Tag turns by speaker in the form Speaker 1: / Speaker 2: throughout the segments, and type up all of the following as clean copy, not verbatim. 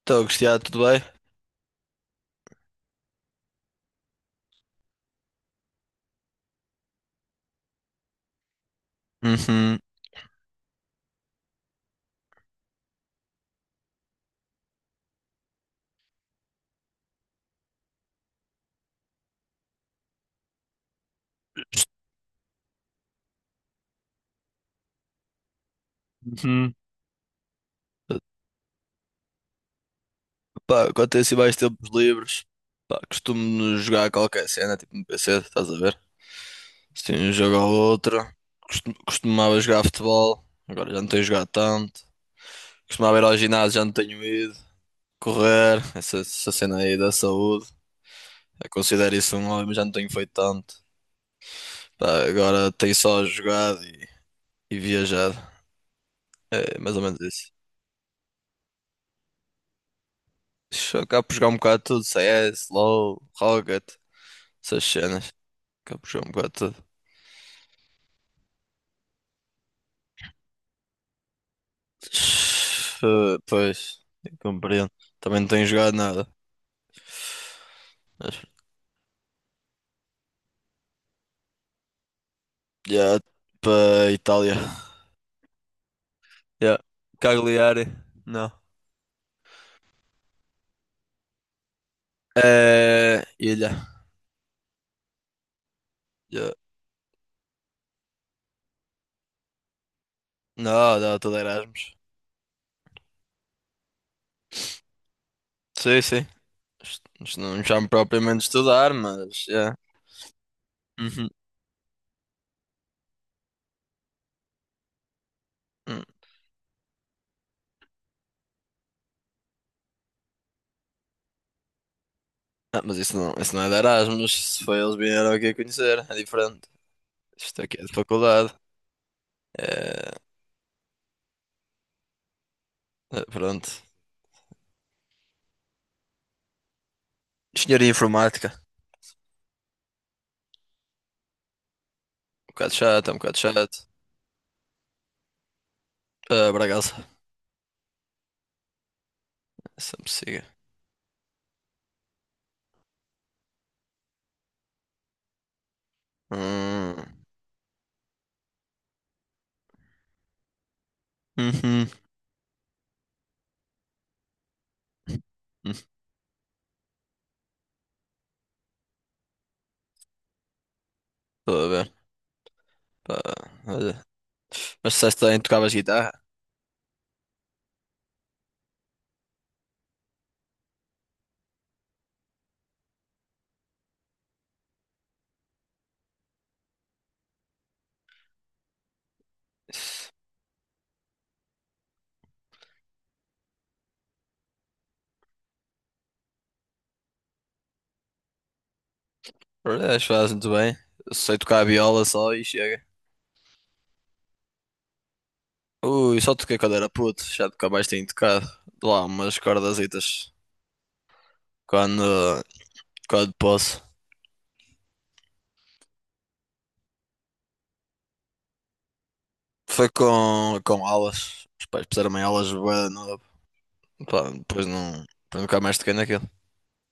Speaker 1: Estou, Cristiano, tudo bem? Uhum, uhum. Pá, quando tenho assim mais tempos livres, pá, costumo jogar qualquer cena, tipo no PC, estás a ver? Assim, um jogo ou outro. Costumava jogar futebol, agora já não tenho jogado tanto. Costumava ir ao ginásio, já não tenho ido. Correr, essa cena aí da saúde. Eu considero isso um hobby, mas já não tenho feito tanto. Pá, agora tenho só jogado e viajado. É mais ou menos isso. Acabo por jogar um bocado de tudo, CS, LoL, Rocket, essas cenas. Caprichou um bocado tudo. Pois, eu compreendo. Também não tenho jogado nada. Mas já, para Itália. Já, Cagliari. Não. É, ilha. Já. Não, não, tudo Erasmus. Sim, sim. Isto não me chamo propriamente de estudar, mas já. Uhum. Hum. Ah, mas isso não, isso não é de Erasmus. Se foi eles vieram aqui a conhecer, é diferente. Isto aqui é de faculdade. É, pronto. Engenharia informática. Um bocado chato, é um bocado chato. Ah, Bragaça, sempre siga. Hum. Uhum. Hum, estou a ver. Pá, olha. Mas disseste bem, tocavas guitarra? Olha, acho que fazes muito bem. Eu sei tocar a viola só e chega. Ui, só toquei quando era puto, já nunca mais tenho tocado. Lá umas cordazitas quando, quando posso. Foi com aulas. Os pais puseram-me em aulas bué de novo. Pá, depois não. Depois nunca mais toquei naquilo.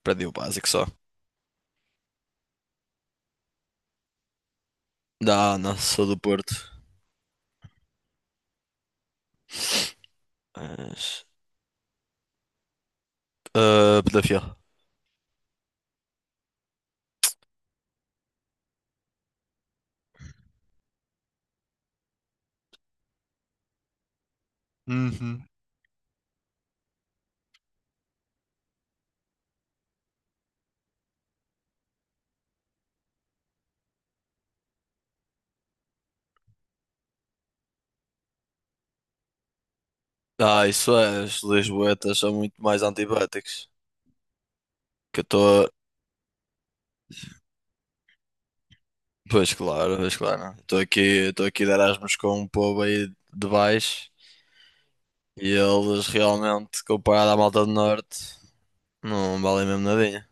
Speaker 1: Aprendi o básico só. Não, não, sou do Porto. Mas ah, Pedofil. Uhum. Ah, isso é, os lisboetas são muito mais antibáticos. Que eu estou. Pois claro, pois claro. Estou aqui de Erasmus com um povo aí de baixo e eles realmente, comparado à malta do norte, não valem mesmo nadinha.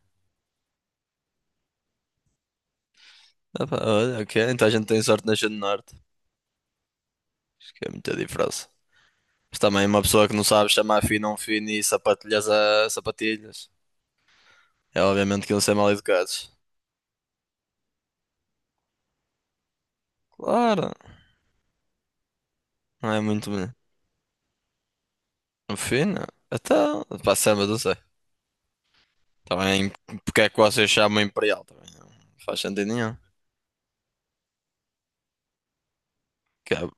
Speaker 1: Ah pá, olha, ok, então a gente tem sorte de nascer no norte. Acho que é muita diferença. Mas também uma pessoa que não sabe chamar fino a um fino e sapatilhas a sapatilhas. É obviamente que iam ser mal educados. Claro, não é muito fina. Então, pá, Sam, eu não sei. Também, porque é que vocês chamam imperial? Também não faz sentido nenhum. Que é-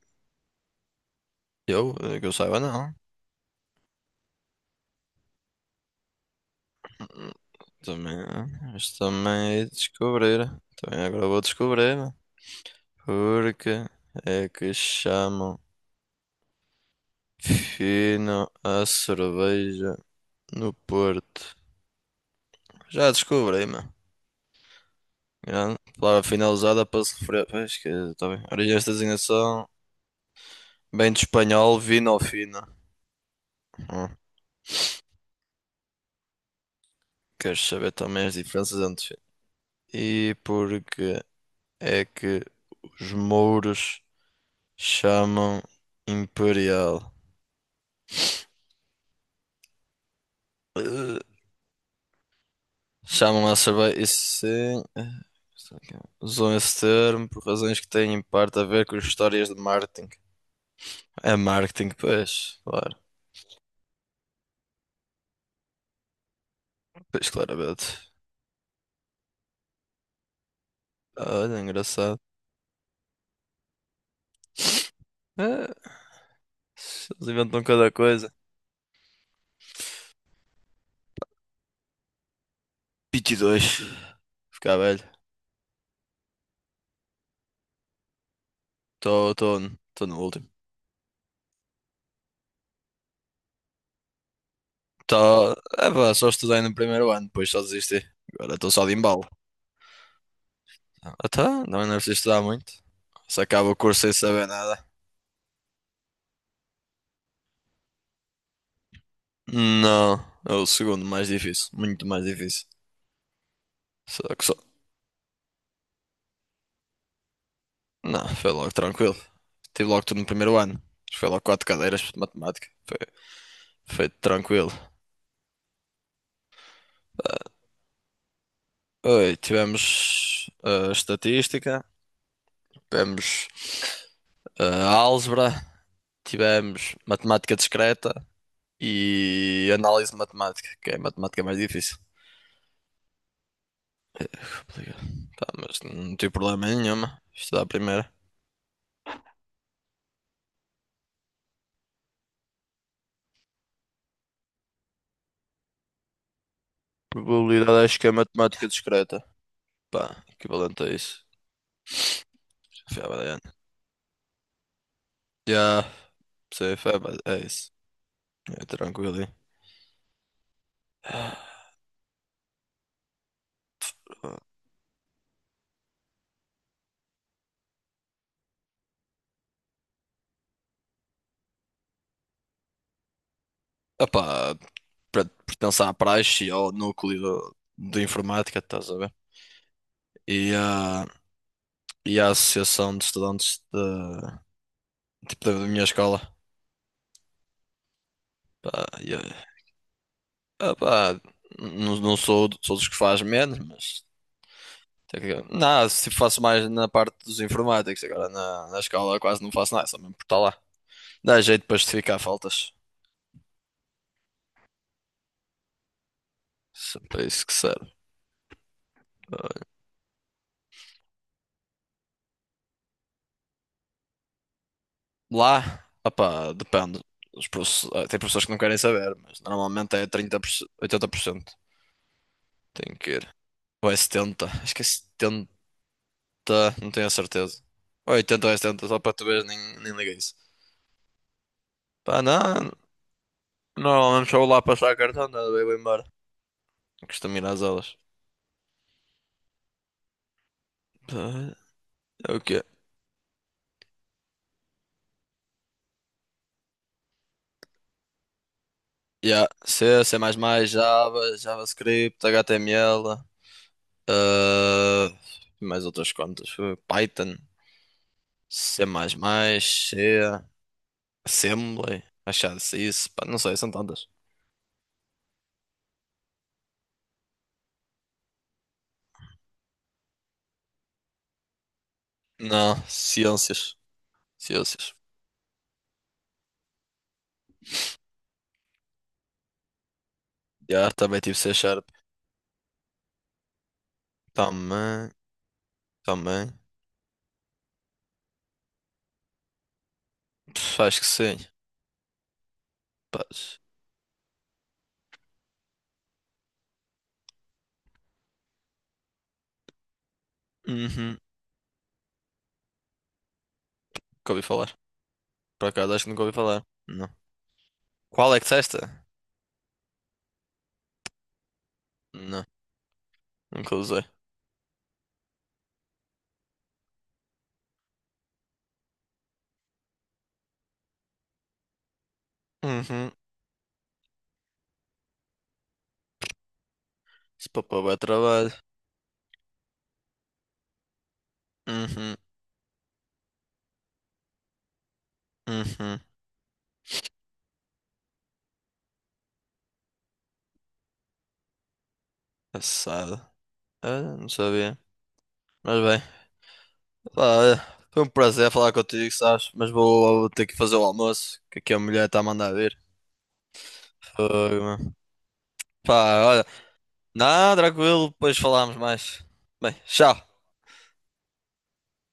Speaker 1: eu, que eu saiba, não. Também, isto também é descobrir. Também agora vou descobrir, né? Porque é que chamam fino a cerveja no Porto? Já descobri, mano. Grande palavra finalizada para se referir. Pois que, tá bem. Origens da designação, bem de espanhol, vinho fino. Hum. Queres saber também as diferenças entre e porque é que os mouros chamam imperial? Eh, Chamam a cerveja. Isso sim. Isso aqui. Usam esse termo por razões que têm em parte a ver com as histórias de marketing. É marketing, pois, claro. Pois, claramente. Olha, engraçado. Eh, Eles inventam cada coisa. 22. Ficar velho. Estou no último. É, pá, só estudei no primeiro ano, depois só desisti. Agora estou só de embalo. Até, não é preciso estudar muito. Se acaba o curso sem saber nada. Não, é o segundo mais difícil, muito mais difícil. Só que só. Não, foi logo tranquilo. Tive logo tudo no primeiro ano. Foi logo quatro cadeiras de matemática. Foi, foi tranquilo. Oi, tivemos estatística, tivemos álgebra, tivemos matemática discreta e análise matemática, que é matemática mais difícil. É, tá, mas não tive problema nenhuma. Estudar a primeira. Probabilidade acho que é matemática discreta. Pá, equivalente a isso. Já, já sei, foi, mas é isso. É tranquilo, hein? Ah, pá, pertenço à praxe e ao núcleo de informática, estás a ver? E à, e à associação de estudantes da, tipo, da minha escola. Pá, e é- ah, pá, não, não sou, sou dos que faz menos, mas. Não, se faço mais na parte dos informáticos, agora na, na escola quase não faço nada, só mesmo por estar lá. Dá jeito para justificar faltas. Se é para isso que serve. Lá, opá, depende. Ah, tem professores que não querem saber, mas normalmente é 30% 80%. Tem que ir. Ou é 70%, acho que é 70%, não tenho a certeza. Ou é 80% ou é 70%, só para tu veres nem, nem liga isso. Pá, não, normalmente só vou lá passar cartão, nada, eu vou embora. Costumo ir às aulas. Pá, é o quê? Yeah. C, C++, Java, JavaScript, HTML, ah, mais outras contas. Foi Python, C++, C, Assembly, achado isso. Pá, não sei, são tantas. Não, ciências. Ciências. Yeah, também tive C Sharp. Também, também. Pff, acho que sim. Paz. Uhum. Nunca ouvi falar. Por acaso, acho que nunca ouvi falar. Não. Qual é que testa? Não, nunca usei. Uhum. Isso para pôr bué trabalho. Uhum, uhum. Assado. Ah, não sabia. Mas bem, lá, olha, foi um prazer falar contigo, sabes? Mas vou, vou ter que fazer o almoço, que aqui a mulher está a mandar vir. Fogo, mano. Pá, olha. Não, tranquilo, depois falamos mais. Bem, tchau.